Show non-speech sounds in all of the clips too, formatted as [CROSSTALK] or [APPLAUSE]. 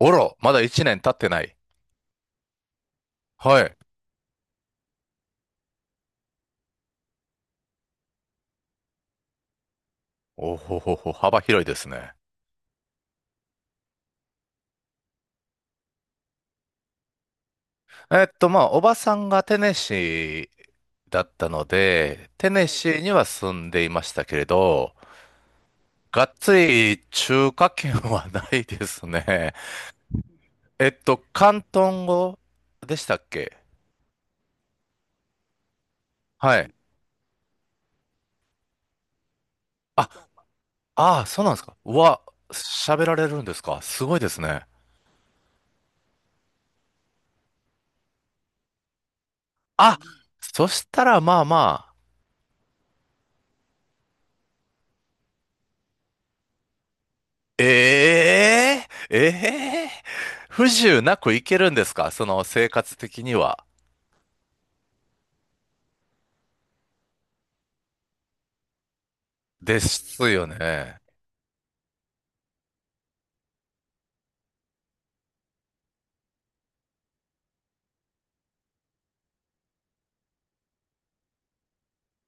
おろ、まだ1年経ってない。はい。おほほほ、幅広いですね。まあ、おばさんがテネシーだったので、テネシーには住んでいましたけれど、がっつり中華圏はないですね。広東語でしたっけ？はい。あ、ああ、そうなんですか。うわ、喋られるんですか。すごいですね。あ、そしたらええええ不自由なくいけるんですか？その生活的には。ですよね。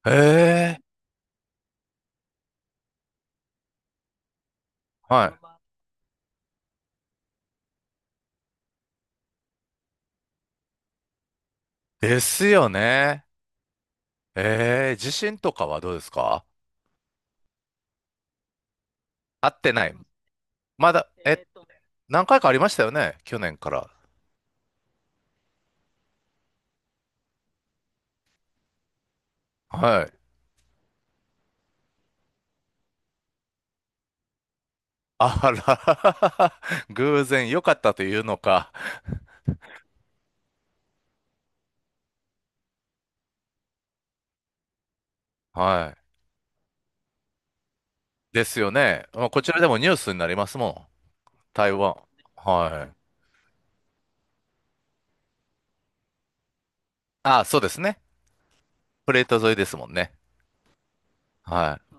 ええ、はい。ですよね。地震とかはどうですか？あってない。まだ、何回かありましたよね去年から。はい。あら、[LAUGHS] 偶然良かったというのか。はい。ですよね。まあこちらでもニュースになりますもん。台湾。はい。あ、そうですね。プレート沿いですもんね。はい。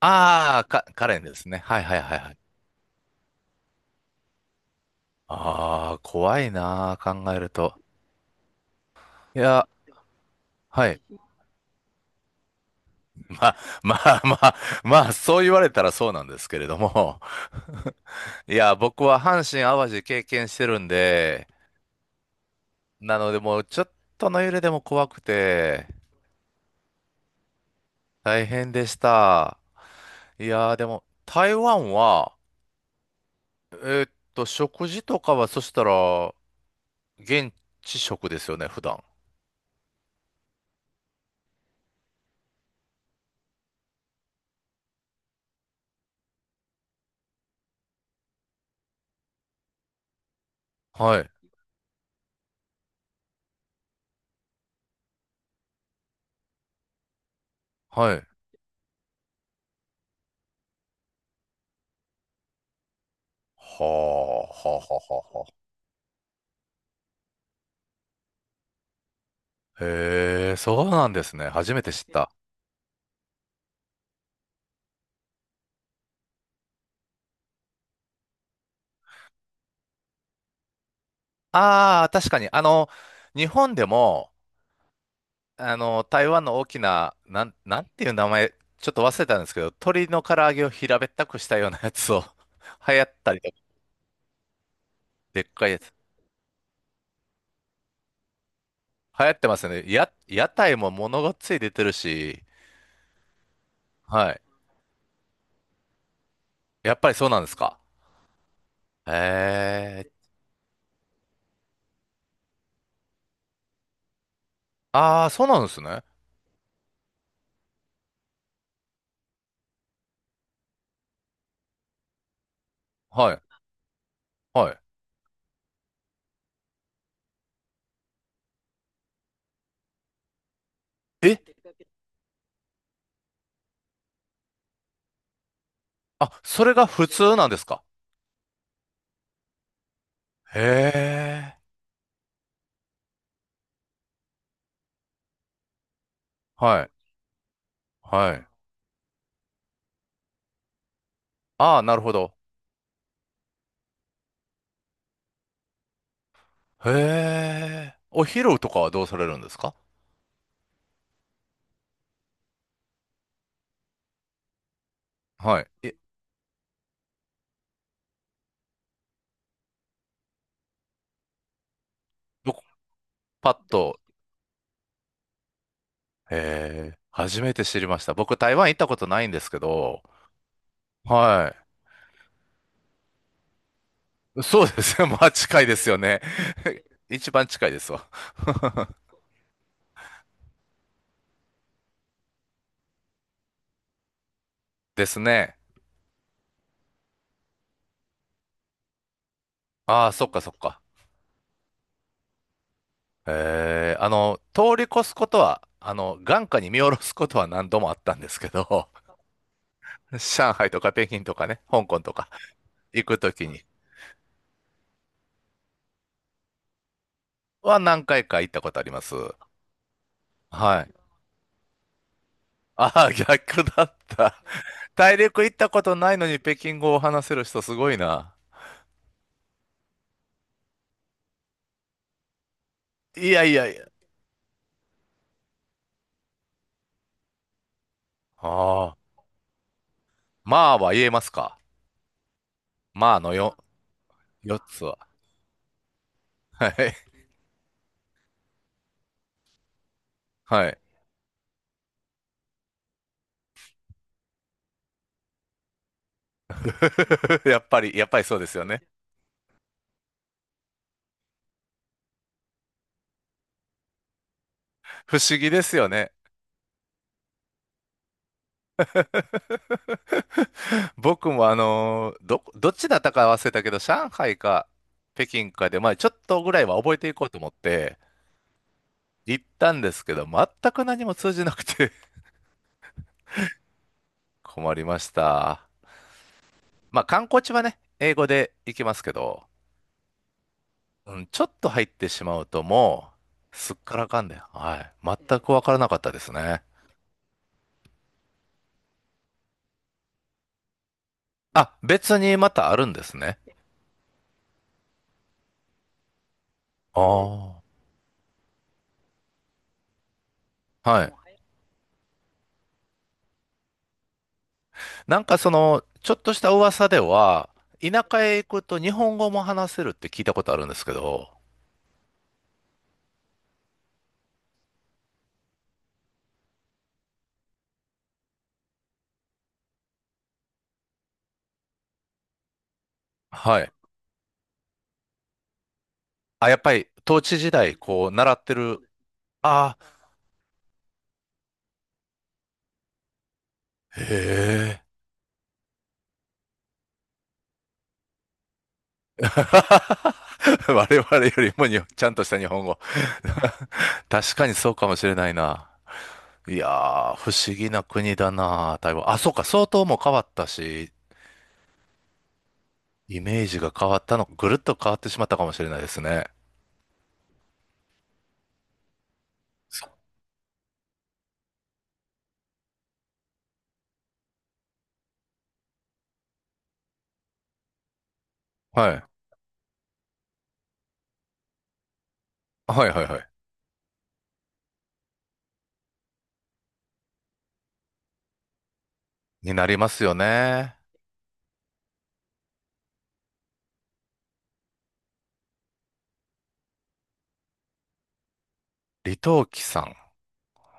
ああ、カレンですね。はいはいはいはい。ああ、怖いなー、考えると。いや、はい。[LAUGHS] まあ、まあまあ、まあ、そう言われたらそうなんですけれども。[LAUGHS] いや、僕は阪神・淡路経験してるんで、なのでもうちょっとの揺れでも怖くて、大変でした。いやー、でも、台湾は、食事とかは、そしたら、現地食ですよね、普段。はい、はい。はあ、はあ、はあ、はあ、へえ、そうなんですね。初めて知った。ああ、確かに。あの、日本でも、あの、台湾の大きな、なんていう名前、ちょっと忘れたんですけど、鶏の唐揚げを平べったくしたようなやつを [LAUGHS] 流行ったりとか、でっかいやつ。流行ってますよね。屋台もものがつい出てるし、はい。やっぱりそうなんですか。へえ。ああ、そうなんですね。はい。はい。え、あ、それが普通なんですか？へえ。はい。はい。ああ、なるほど。へえ。お昼とかはどうされるんですか？はい。え、僕、パッと、へえー、初めて知りました。僕、台湾行ったことないんですけど、はい。そうですね。[LAUGHS] まあ、近いですよね。[LAUGHS] 一番近いですわ。[LAUGHS] ですね。ああ、そっかそっか。ええ、あの、通り越すことは、あの、眼下に見下ろすことは何度もあったんですけど、[LAUGHS] 上海とか北京とかね、香港とか行くときには何回か行ったことあります。はい。ああ、逆だった。[LAUGHS] 大陸行ったことないのに北京語を話せる人すごいな。いやいやいや。ああ、まあは言えますか。まあのよ、4つは。はい。はい。[LAUGHS] やっぱり、そうですよね。不思議ですよね。[LAUGHS] 僕もどっちだったか忘れたけど、上海か北京かで、まあちょっとぐらいは覚えていこうと思って行ったんですけど、全く何も通じなくて [LAUGHS] 困りました。まあ観光地はね、英語で行きますけど、うん、ちょっと入ってしまうともう、すっからかんで、はい。全くわからなかったですね。あ、別にまたあるんですね。ああ、はい。なんかその、ちょっとした噂では、田舎へ行くと日本語も話せるって聞いたことあるんですけど、はい。あ、やっぱり、統治時代、こう、習ってる、ああ、へえ。[LAUGHS] 我々よりもにちゃんとした日本語。[LAUGHS] 確かにそうかもしれないな。いやー、不思議な国だな、台湾。あ、そうか、相当もう変わったし、イメージが変わったの、ぐるっと変わってしまったかもしれないですね。そはい。はいはいはい。になりますよね。李登輝さん。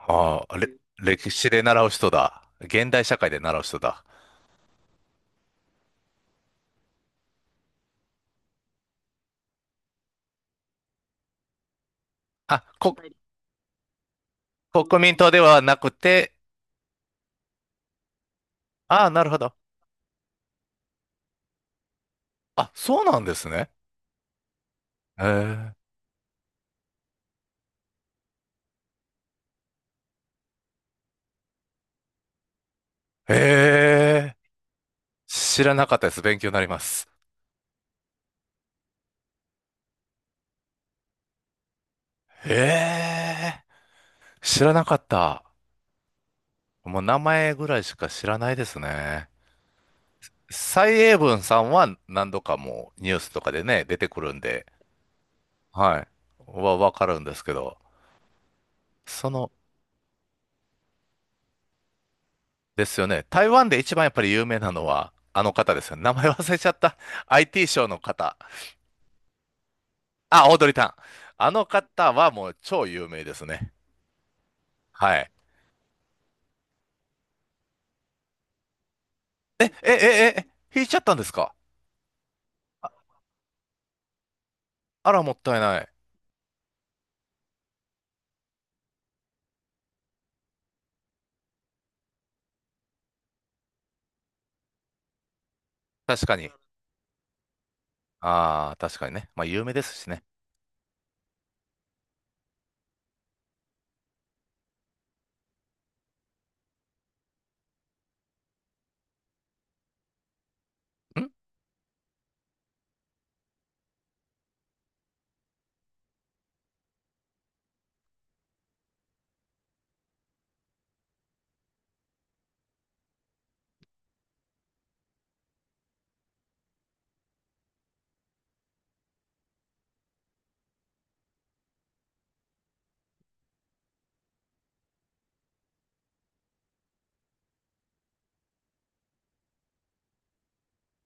ああ、歴史で習う人だ。現代社会で習う人だ。あ、国民党ではなくて、ああ、なるほど。あ、そうなんですね。へえ。ええ、知らなかったです。勉強になります。ええ、知らなかった。もう名前ぐらいしか知らないですね。蔡英文さんは何度かもうニュースとかでね、出てくるんで、はい。わかるんですけど、その、ですよね。台湾で一番やっぱり有名なのは、あの方ですよね。名前忘れちゃった。IT ショーの方。あ、オードリー・タン。あの方はもう超有名ですね。はい。え、え、え、え、え、引いちゃったんですか？あら、もったいない。確かに。ああ、確かにね。まあ、有名ですしね。ん